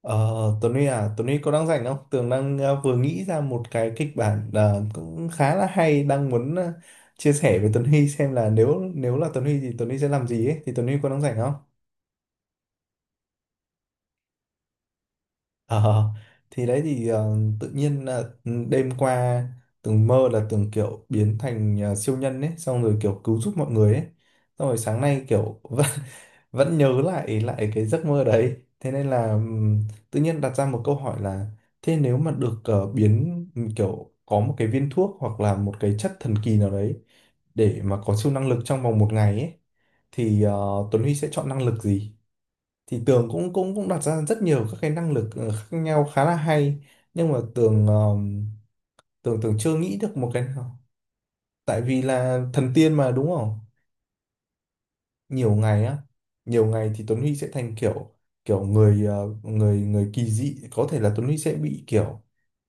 Ờ, Tuấn Huy à, Tuấn Huy có đang rảnh không? Tường đang vừa nghĩ ra một cái kịch bản cũng khá là hay đang muốn chia sẻ với Tuấn Huy xem là nếu nếu là Tuấn Huy thì Tuấn Huy sẽ làm gì ấy thì Tuấn Huy có đang rảnh không? Ờ, thì đấy thì tự nhiên là đêm qua Tường mơ là Tường kiểu biến thành siêu nhân ấy xong rồi kiểu cứu giúp mọi người ấy xong rồi sáng nay kiểu vẫn nhớ lại lại cái giấc mơ đấy, thế nên là tự nhiên đặt ra một câu hỏi là thế nếu mà được biến kiểu có một cái viên thuốc hoặc là một cái chất thần kỳ nào đấy để mà có siêu năng lực trong vòng một ngày ấy thì Tuấn Huy sẽ chọn năng lực gì? Thì Tường cũng cũng cũng đặt ra rất nhiều các cái năng lực khác nhau khá là hay, nhưng mà Tường Tường Tường chưa nghĩ được một cái nào. Tại vì là thần tiên mà đúng không? Nhiều ngày á, nhiều ngày thì Tuấn Huy sẽ thành kiểu kiểu người người người kỳ dị, có thể là Tuấn Huy sẽ bị kiểu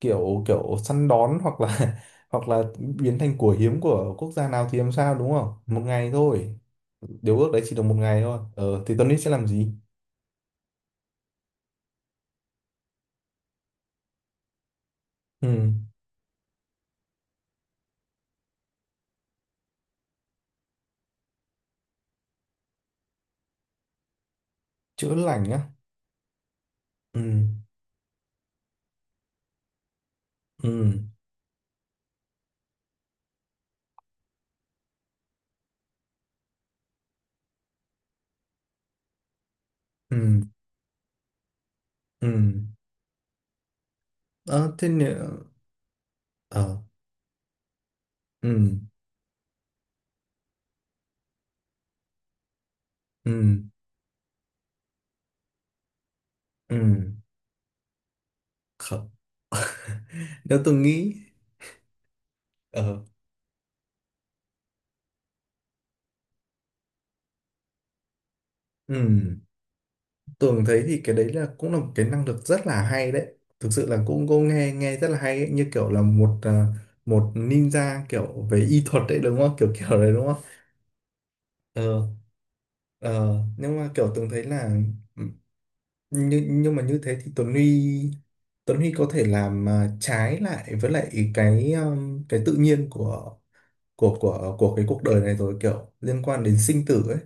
kiểu kiểu săn đón hoặc là hoặc là biến thành của hiếm của quốc gia nào thì làm sao đúng không? Một ngày thôi, điều ước đấy chỉ được một ngày thôi, ờ thì Tuấn Huy sẽ làm gì? Ừ. Chữa lành á? Ừ. Ừ. Ừ. Ừ. Ờ thế nữa? Ờ. Ừ. Ừ. Ừ. Không. Nếu tôi nghĩ ờ ừ, Tường thấy thì cái đấy là cũng là một cái năng lực rất là hay đấy, thực sự là cũng cô nghe nghe rất là hay ấy. Như kiểu là một một ninja kiểu về y thuật đấy đúng không, kiểu kiểu đấy đúng không? Ờ. Ờ nhưng mà kiểu Tường thấy là, nhưng mà như thế thì Tuấn Huy có thể làm trái lại với lại cái tự nhiên của của cái cuộc đời này rồi, kiểu liên quan đến sinh tử ấy,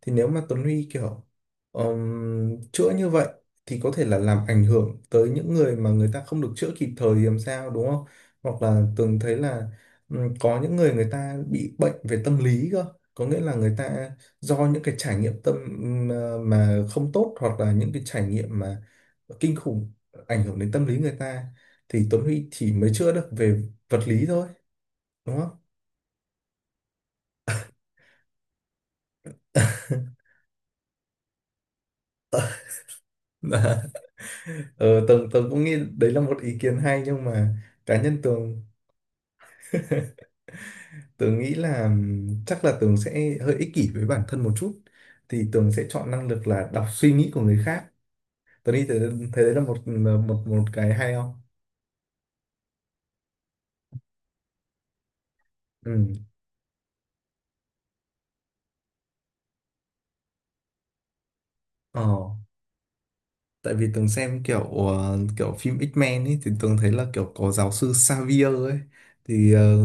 thì nếu mà Tuấn Huy kiểu chữa như vậy thì có thể là làm ảnh hưởng tới những người mà người ta không được chữa kịp thời thì làm sao đúng không? Hoặc là Tường thấy là có những người người ta bị bệnh về tâm lý cơ, có nghĩa là người ta do những cái trải nghiệm tâm mà không tốt hoặc là những cái trải nghiệm mà kinh khủng ảnh hưởng đến tâm lý người ta, thì Tuấn Huy chỉ mới chữa được về vật lý thôi đúng không? Dạ. Ờ, tường tường cũng nghĩ đấy là một ý kiến hay, nhưng mà cá nhân tường, tường nghĩ là chắc là tường sẽ hơi ích kỷ với bản thân một chút, thì tường sẽ chọn năng lực là đọc suy nghĩ của người khác. Tường nghĩ thế, thế đấy là một một một cái hay không? Ừ. Ờ. Tại vì Tường xem kiểu kiểu phim X-Men ấy thì Tường thấy là kiểu có giáo sư Xavier ấy, thì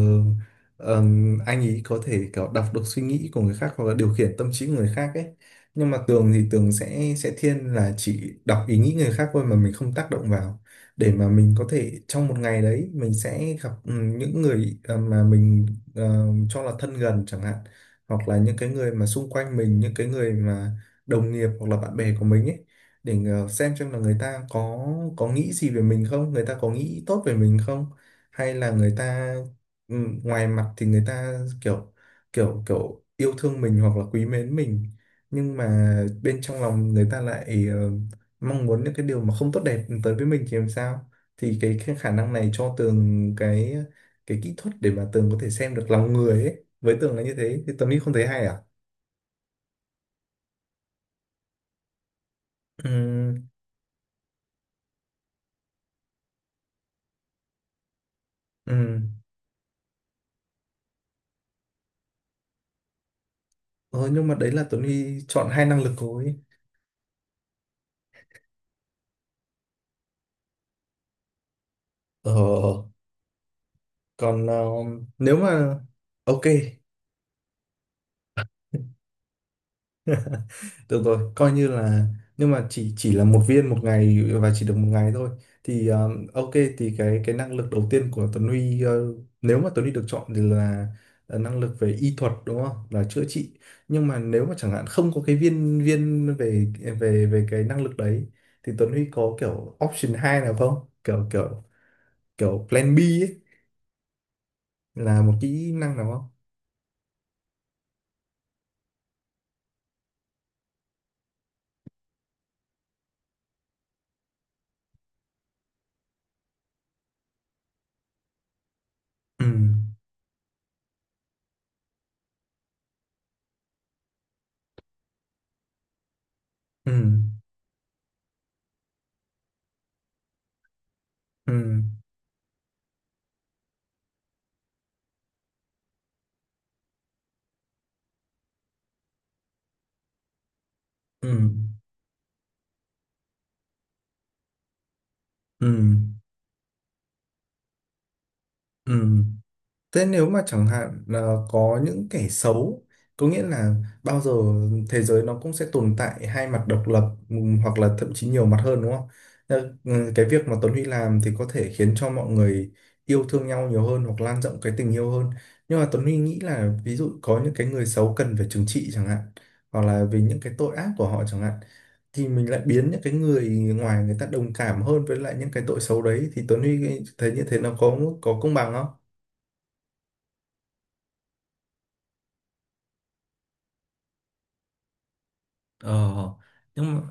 ờ, anh ấy có thể kiểu đọc được suy nghĩ của người khác hoặc là điều khiển tâm trí của người khác ấy, nhưng mà Tường thì Tường sẽ thiên là chỉ đọc ý nghĩ người khác thôi mà mình không tác động vào, để mà mình có thể trong một ngày đấy mình sẽ gặp những người mà mình cho là thân gần chẳng hạn, hoặc là những cái người mà xung quanh mình, những cái người mà đồng nghiệp hoặc là bạn bè của mình ấy, để ngờ- xem là người ta có nghĩ gì về mình không, người ta có nghĩ tốt về mình không, hay là người ta ừ, ngoài mặt thì người ta kiểu kiểu kiểu yêu thương mình hoặc là quý mến mình, nhưng mà bên trong lòng người ta lại mong muốn những cái điều mà không tốt đẹp tới với mình thì làm sao? Thì cái khả năng này cho Tường cái kỹ thuật để mà Tường có thể xem được lòng người ấy. Với Tường là như thế, thì Tuấn Huy không thấy hay à? Ừ, ừ. Ờ, nhưng mà đấy là Tuấn Huy chọn hai năng lực thôi. Ờ, còn ờ, nếu mà ok, được rồi coi như là, nhưng mà chỉ là một viên một ngày và chỉ được một ngày thôi thì ok, thì cái năng lực đầu tiên của Tuấn Huy nếu mà Tuấn Huy được chọn thì là năng lực về y thuật đúng không, là chữa trị, nhưng mà nếu mà chẳng hạn không có cái viên viên về về về cái năng lực đấy thì Tuấn Huy có kiểu option 2 nào không, kiểu kiểu kiểu plan B ấy, là một kỹ năng nào không? Ừ. Ừ. Ừ. Ừ. Ừ. Ừ. Thế nếu mà chẳng hạn là có những kẻ xấu, có nghĩa là bao giờ thế giới nó cũng sẽ tồn tại hai mặt độc lập, hoặc là thậm chí nhiều mặt hơn đúng không? Cái việc mà Tuấn Huy làm thì có thể khiến cho mọi người yêu thương nhau nhiều hơn hoặc lan rộng cái tình yêu hơn. Nhưng mà Tuấn Huy nghĩ là ví dụ có những cái người xấu cần phải trừng trị chẳng hạn, hoặc là vì những cái tội ác của họ chẳng hạn, thì mình lại biến những cái người ngoài người ta đồng cảm hơn với lại những cái tội xấu đấy, thì Tuấn Huy thấy như thế nó có công bằng không? Ờ, nhưng mà,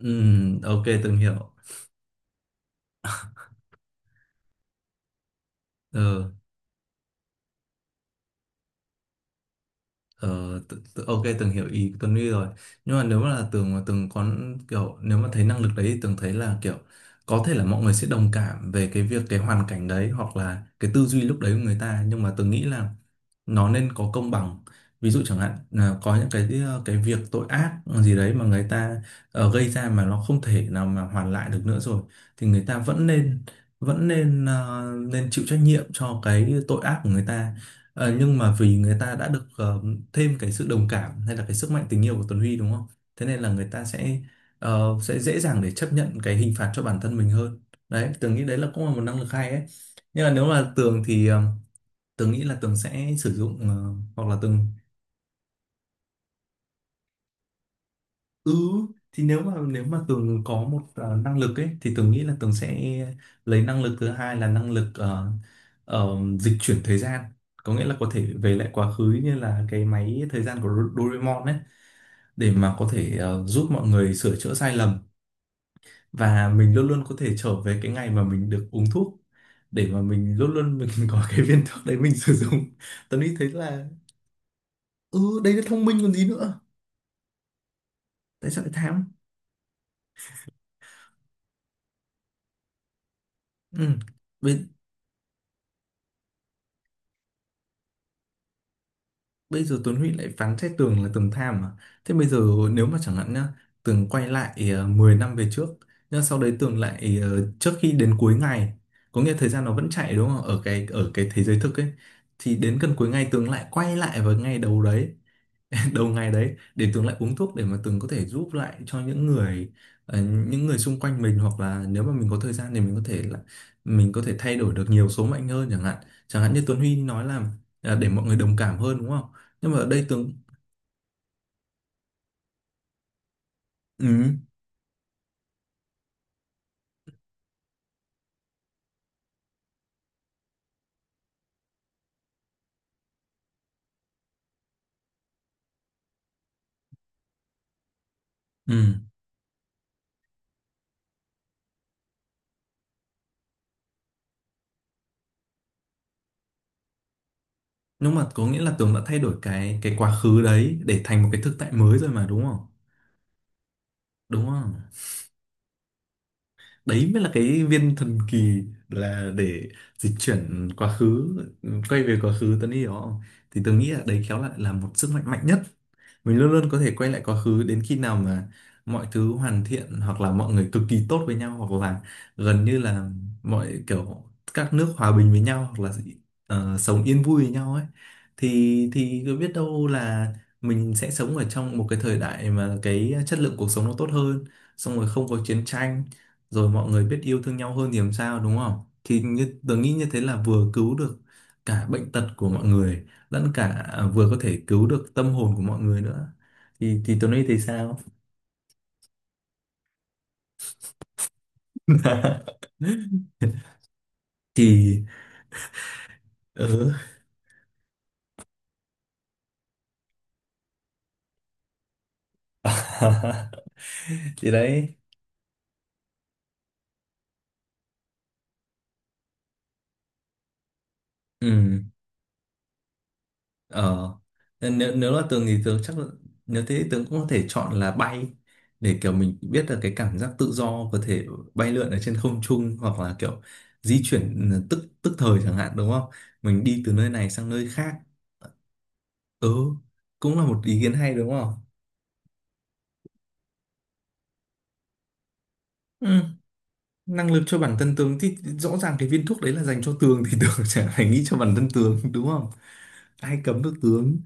ok, từng hiểu. Ờ. Ờ, tự, tự, ok, Tường hiểu ý Tuấn Huy rồi, nhưng mà nếu mà là Tường mà Tường có kiểu, nếu mà thấy năng lực đấy thì Tường thấy là kiểu có thể là mọi người sẽ đồng cảm về cái việc cái hoàn cảnh đấy hoặc là cái tư duy lúc đấy của người ta, nhưng mà Tường nghĩ là nó nên có công bằng. Ví dụ chẳng hạn là có những cái cái việc tội ác gì đấy mà người ta gây ra mà nó không thể nào mà hoàn lại được nữa rồi, thì người ta vẫn nên vẫn nên ờ, nên chịu trách nhiệm cho cái tội ác của người ta. Ờ, nhưng mà vì người ta đã được thêm cái sự đồng cảm hay là cái sức mạnh tình yêu của Tuấn Huy đúng không? Thế nên là người ta sẽ sẽ dễ dàng để chấp nhận cái hình phạt cho bản thân mình hơn. Đấy, Tường nghĩ đấy là cũng là một năng lực hay ấy. Nhưng mà nếu là Tường thì Tường nghĩ là Tường sẽ sử dụng hoặc là Tường ừ, thì nếu mà Tường có một năng lực ấy thì Tường nghĩ là Tường sẽ lấy năng lực thứ hai là năng lực dịch chuyển thời gian. Có nghĩa là có thể về lại quá khứ như là cái máy thời gian của Doraemon ấy, để mà có thể giúp mọi người sửa chữa sai lầm, và mình luôn luôn có thể trở về cái ngày mà mình được uống thuốc, để mà mình luôn luôn mình có cái viên thuốc đấy mình sử dụng. Tớ nghĩ thấy là ừ, đây là thông minh còn gì nữa. Tại sao lại tham? Ừ. Bây, bây giờ Tuấn Huy lại phán xét Tường là Tường tham à? Thế bây giờ nếu mà chẳng hạn nhá, Tường quay lại 10 năm về trước, nhưng sau đấy Tường lại trước khi đến cuối ngày, có nghĩa thời gian nó vẫn chạy đúng không, ở cái thế giới thực ấy, thì đến gần cuối ngày Tường lại quay lại vào ngày đầu đấy, đầu ngày đấy để Tường lại uống thuốc, để mà Tường có thể giúp lại cho những người những người xung quanh mình, hoặc là nếu mà mình có thời gian thì mình có thể thay đổi được nhiều số mệnh hơn chẳng hạn. Chẳng hạn như Tuấn Huy nói là à, để mọi người đồng cảm hơn đúng không, nhưng mà ở đây Tường ừ, ừ, nhưng mà có nghĩa là Tường đã thay đổi cái quá khứ đấy để thành một cái thực tại mới rồi mà đúng không? Đúng không? Đấy mới là cái viên thần kỳ, là để dịch chuyển quá khứ, quay về quá khứ, Tuấn hiểu không? Thì tôi nghĩ là đấy khéo lại là một sức mạnh mạnh nhất, mình luôn luôn có thể quay lại quá khứ đến khi nào mà mọi thứ hoàn thiện, hoặc là mọi người cực kỳ tốt với nhau, hoặc là gần như là mọi kiểu các nước hòa bình với nhau, hoặc là sống yên vui với nhau ấy, thì cứ biết đâu là mình sẽ sống ở trong một cái thời đại mà cái chất lượng cuộc sống nó tốt hơn, xong rồi không có chiến tranh, rồi mọi người biết yêu thương nhau hơn thì làm sao đúng không? Thì tớ nghĩ như thế là vừa cứu được cả bệnh tật của mọi người, lẫn cả à, vừa có thể cứu được tâm hồn của mọi người nữa, thì Tuấn nghĩ thì sao? Thì ừ. Thì đấy ừ ờ, nên nếu nếu là tường thì tường chắc là, nếu thế thì tường cũng có thể chọn là bay, để kiểu mình biết là cái cảm giác tự do, có thể bay lượn ở trên không trung, hoặc là kiểu di chuyển tức tức thời chẳng hạn đúng không, mình đi từ nơi này sang nơi khác. Ừ, cũng là một ý kiến hay đúng không. Ừ, năng lực cho bản thân tường thì rõ ràng cái viên thuốc đấy là dành cho tường thì tường chả phải nghĩ cho bản thân tường đúng không, ai cấm được tường.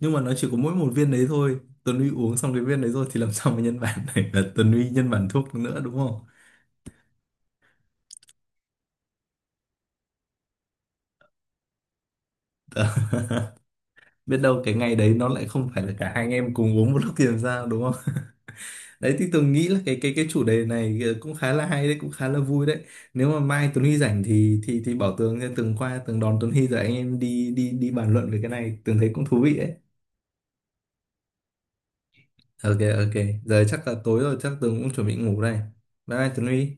Nhưng mà nó chỉ có mỗi một viên đấy thôi, Tuấn Huy uống xong cái viên đấy rồi thì làm sao mà nhân bản này, là Tuấn Huy nhân bản thuốc nữa đúng không. Đó. Biết đâu cái ngày đấy nó lại không phải là cả hai anh em cùng uống một lúc thì làm sao đúng không. Đấy thì tường nghĩ là cái chủ đề này cũng khá là hay đấy, cũng khá là vui đấy. Nếu mà mai Tuấn Huy rảnh thì thì bảo tường nha, tường qua tường đón Tuấn Huy rồi anh em đi đi đi bàn luận về cái này, tường thấy cũng thú vị đấy. Ok, ok. Giờ chắc là tối rồi, chắc Tường cũng chuẩn bị ngủ đây. Bye bye Tường Huy.